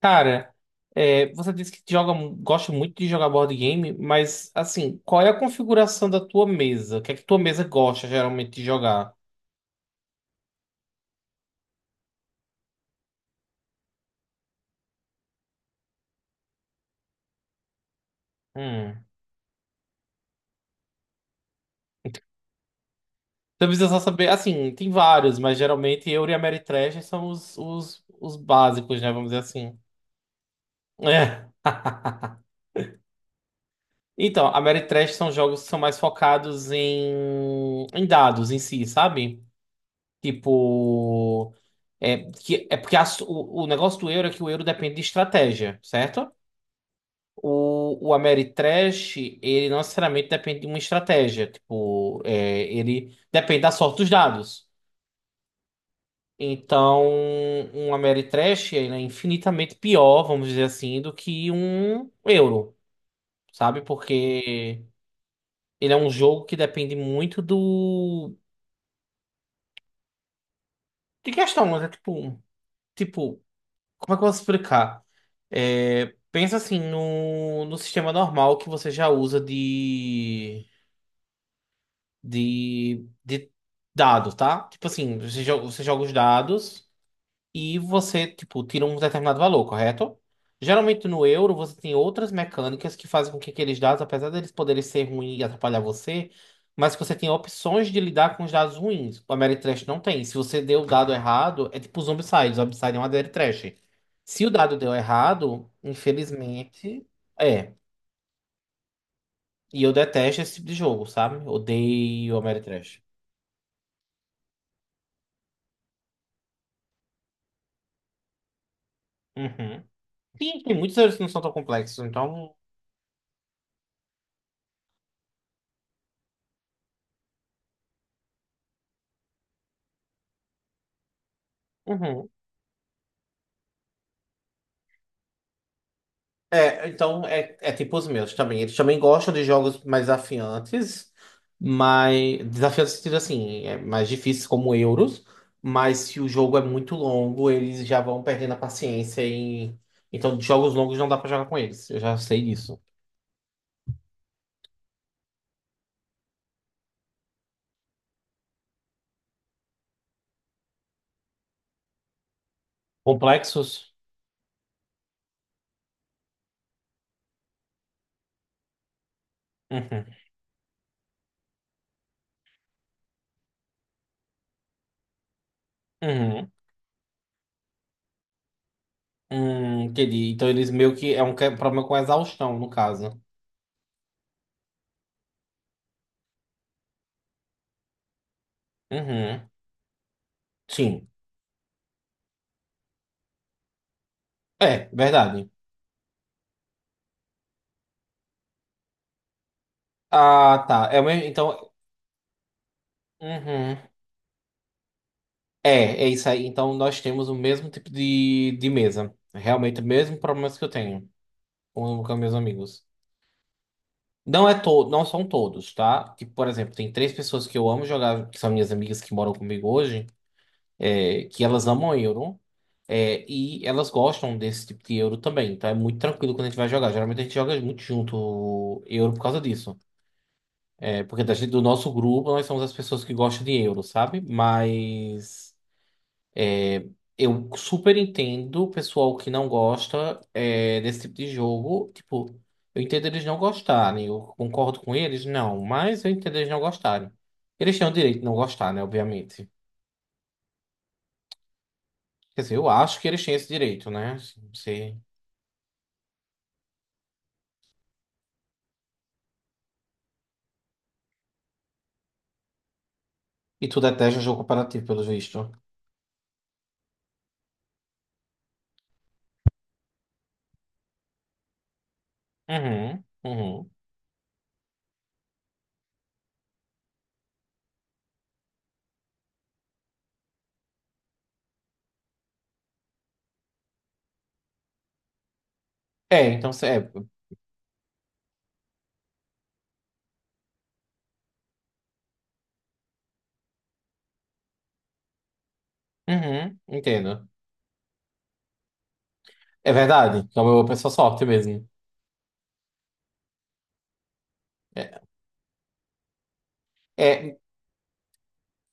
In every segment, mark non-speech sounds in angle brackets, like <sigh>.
Cara, você disse que joga, gosta muito de jogar board game, mas assim, qual é a configuração da tua mesa? O que é que tua mesa gosta geralmente de jogar? Hum. Então precisa só saber, assim, tem vários, mas geralmente eu e a Mary Trash são os básicos, né? Vamos dizer assim. É. <laughs> Então, a Mary Trash são jogos que são mais focados em, em dados em si, sabe? Tipo, é, que, é porque o negócio do euro é que o euro depende de estratégia, certo? O Ameritrash, ele não necessariamente depende de uma estratégia. Tipo, ele depende da sorte dos dados. Então, um Ameritrash, ele é infinitamente pior, vamos dizer assim, do que um euro, sabe? Porque ele é um jogo que depende muito do... de questão, mas é tipo... Tipo, como é que eu posso explicar? É, pensa assim no, no sistema normal que você já usa de dado, tá? Tipo assim, você joga os dados e você, tipo, tira um determinado valor, correto? Geralmente no euro você tem outras mecânicas que fazem com que aqueles dados, apesar deles poderem ser ruins e atrapalhar você, mas que você tem opções de lidar com os dados ruins. O Ameritrash não tem. Se você deu o dado errado, é tipo os Zombicide. Zombicide é um Ameritrash. Se o dado deu errado, infelizmente, é. E eu detesto esse tipo de jogo, sabe? Odeio Ameritrash. Uhum. Sim, tem muitos erros que não são tão complexos, então. Uhum. É, então é tipo os meus também. Eles também gostam de jogos mais desafiantes, mas desafiantes no sentido assim, é mais difíceis como Euros, mas se o jogo é muito longo, eles já vão perdendo a paciência e então jogos longos não dá pra jogar com eles. Eu já sei disso. Complexos? Uhum. Uhum. Entendi. Então eles meio que é um problema com exaustão, no caso. Uhum. Sim. É, verdade. Ah, tá. É, o então. Uhum. É, é isso aí. Então nós temos o mesmo tipo de mesa. Realmente o mesmo problemas que eu tenho com meus amigos. Não são todos, tá? Tipo, por exemplo, tem três pessoas que eu amo jogar, que são minhas amigas que moram comigo hoje, que elas amam Euro, e elas gostam desse tipo de Euro também. Então é muito tranquilo quando a gente vai jogar. Geralmente a gente joga muito junto Euro por causa disso. É, porque do nosso grupo nós somos as pessoas que gostam de Euro, sabe? Mas. Eu super entendo o pessoal que não gosta desse tipo de jogo. Tipo, eu entendo eles não gostarem. Eu concordo com eles, não. Mas eu entendo eles não gostarem. Eles têm o direito de não gostar, né? Obviamente. Quer dizer, eu acho que eles têm esse direito, né? Assim, não sei. E tu detesta jogo comparativo, pelo visto. Uhum, uhum. É, então... cê- É, uhum, entendo. É verdade. Então eu penso a sorte mesmo. É, é,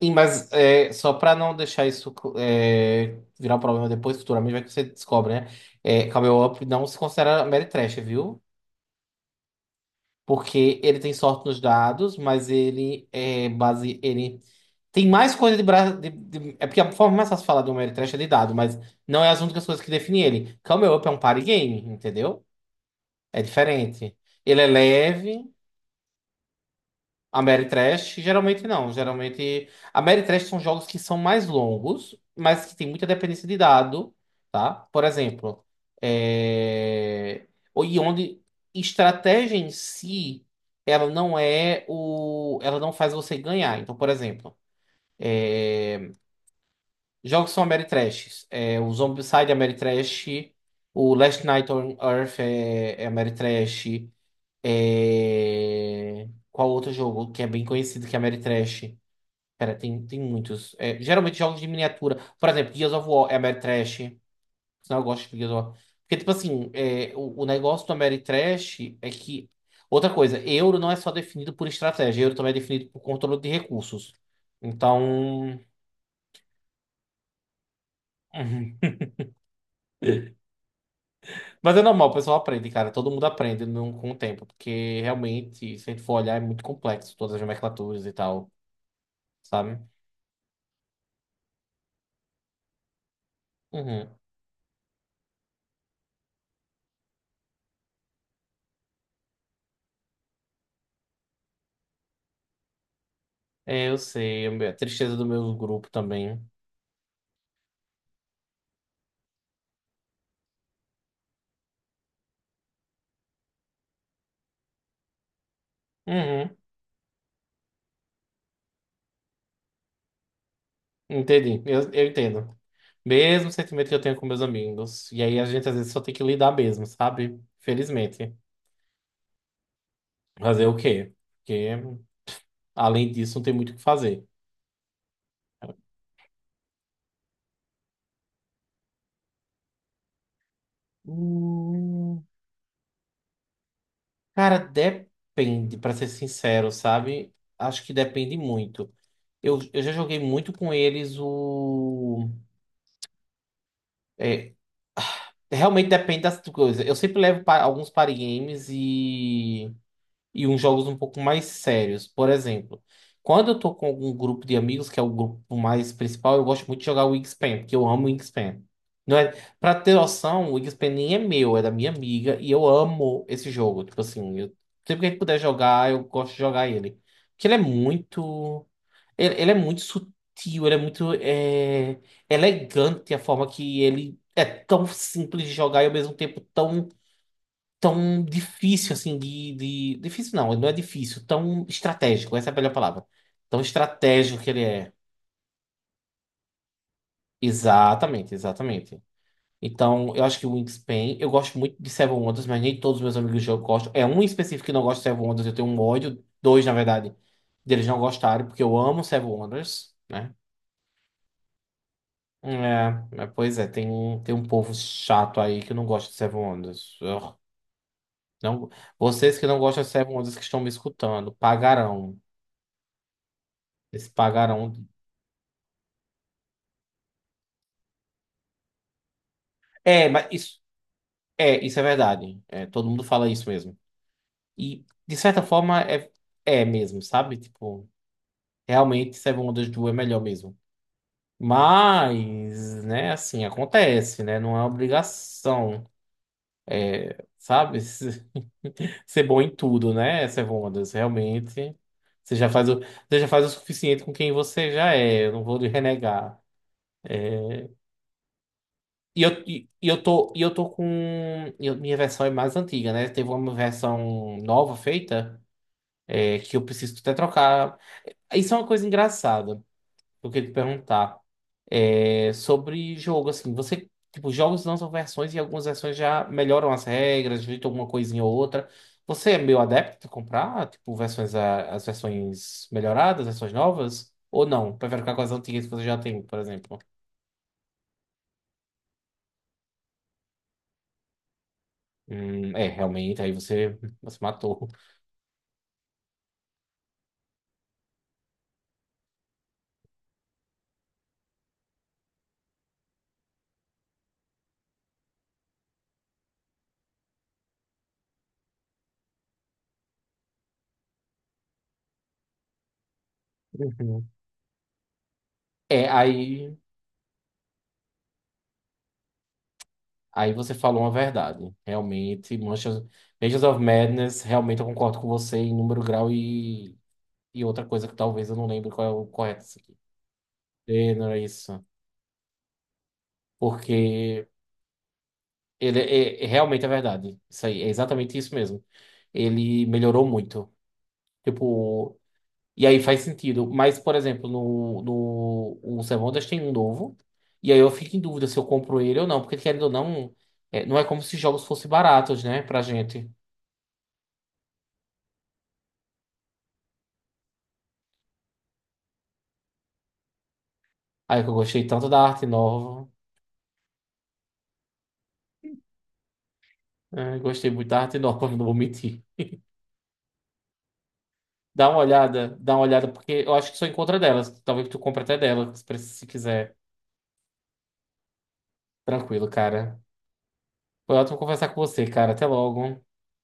E, mas só para não deixar isso virar um problema depois, futuramente, vai que você descobre, né? É, Camel Up não se considera Ameritrash, viu? Porque ele tem sorte nos dados, mas ele é base. Ele tem mais coisa de, é porque a forma mais fácil de falar do Ameritrash é de dado, mas não é as únicas coisas que definem ele. Camel Up é um party game, entendeu? É diferente. Ele é leve. Ameritrash, geralmente não. Geralmente. Ameritrash são jogos que são mais longos, mas que tem muita dependência de dado, tá? Por exemplo, é... e onde estratégia em si, ela não é o. Ela não faz você ganhar. Então, por exemplo. É, jogos são Ameritrash. É, o Zombicide é Ameritrash. O Last Night on Earth é Ameritrash. É... Qual outro jogo que é bem conhecido que é Ameritrash? Pera, tem muitos. É, geralmente jogos de miniatura. Por exemplo, Gears of War é Ameritrash. Senão eu gosto de Gears of War. Porque, tipo assim, o negócio do Ameritrash é que. Outra coisa, euro não é só definido por estratégia, euro também é definido por controle de recursos. Então. <laughs> Mas é normal, o pessoal aprende, cara. Todo mundo aprende com o tempo, porque realmente, se a gente for olhar, é muito complexo todas as nomenclaturas e tal, sabe? Uhum. É, eu sei, é a tristeza do meu grupo também. Uhum. Entendi, eu entendo. Mesmo sentimento que eu tenho com meus amigos. E aí a gente às vezes só tem que lidar mesmo, sabe? Felizmente. Fazer o quê? Porque além disso não tem muito o que fazer. Hum, cara, depende, pra ser sincero, sabe? Acho que depende muito. Eu já joguei muito com eles o. É, <sighs> realmente depende das coisas. Eu sempre levo alguns party games e uns jogos um pouco mais sérios. Por exemplo, quando eu tô com algum grupo de amigos, que é o grupo mais principal, eu gosto muito de jogar o Wingspan, porque eu amo o Wingspan. Não é, pra ter noção, o Wingspan nem é meu, é da minha amiga, e eu amo esse jogo. Tipo assim, eu, sempre que a gente puder jogar, eu gosto de jogar ele. Porque ele é muito. Ele é muito sutil, ele é muito elegante a forma que ele é tão simples de jogar e ao mesmo tempo tão difícil, assim, difícil não, não é difícil, tão estratégico, essa é a melhor palavra. Tão estratégico que ele é. Exatamente, exatamente. Então, eu acho que o Wingspan, eu gosto muito de Seven Wonders, mas nem todos os meus amigos eu gosto. É um em específico que não gosta de Seven Wonders, eu tenho um ódio, dois, na verdade, deles não gostarem, porque eu amo Seven Wonders, né? É, mas, pois é, tem um povo chato aí que não gosta de Seven Wonders. Ugh. Não, vocês que não gostam de Seven Wonders que estão me escutando, pagarão. Eles pagaram. Um é, mas isso é verdade. É, todo mundo fala isso mesmo. E, de certa forma, é mesmo, sabe? Tipo, realmente, Seven Wonders Duel é melhor mesmo. Mas, né, assim, acontece, né? Não é obrigação, sabe? <laughs> Ser bom em tudo, né, Seven Wonders? Realmente. Você já faz o, você já faz o suficiente com quem você já é. Eu não vou lhe renegar. E eu tô com. Minha versão é mais antiga, né? Teve uma versão nova feita, que eu preciso até trocar. Isso é uma coisa engraçada, que eu queria te perguntar. É, sobre jogo, assim, você. Tipo, jogos lançam versões e algumas versões já melhoram as regras, ajeitam alguma coisinha ou outra. Você é meio adepto a comprar, tipo, as versões melhoradas, versões novas? Ou não? Prefere ficar com as antigas que você já tem, por exemplo? É, realmente, aí você matou. Uhum. É, aí, aí você falou uma verdade. Realmente, Mansions of Madness, realmente eu concordo com você em número, grau e outra coisa que talvez eu não lembre qual é o correto isso aqui. É, não é isso. Porque ele realmente é verdade. Isso aí, é exatamente isso mesmo. Ele melhorou muito. Tipo, e aí faz sentido. Mas, por exemplo, no o Semondas tem um novo. E aí eu fico em dúvida se eu compro ele ou não. Porque, querendo ou não, não é como se jogos fossem baratos, né? Pra gente. Aí que eu gostei tanto da arte nova. É, gostei muito da arte nova, <laughs> não vou mentir. Dá uma olhada, porque eu acho que só encontra delas. Talvez tu compre até dela, se quiser. Tranquilo, cara. Foi ótimo conversar com você, cara. Até logo.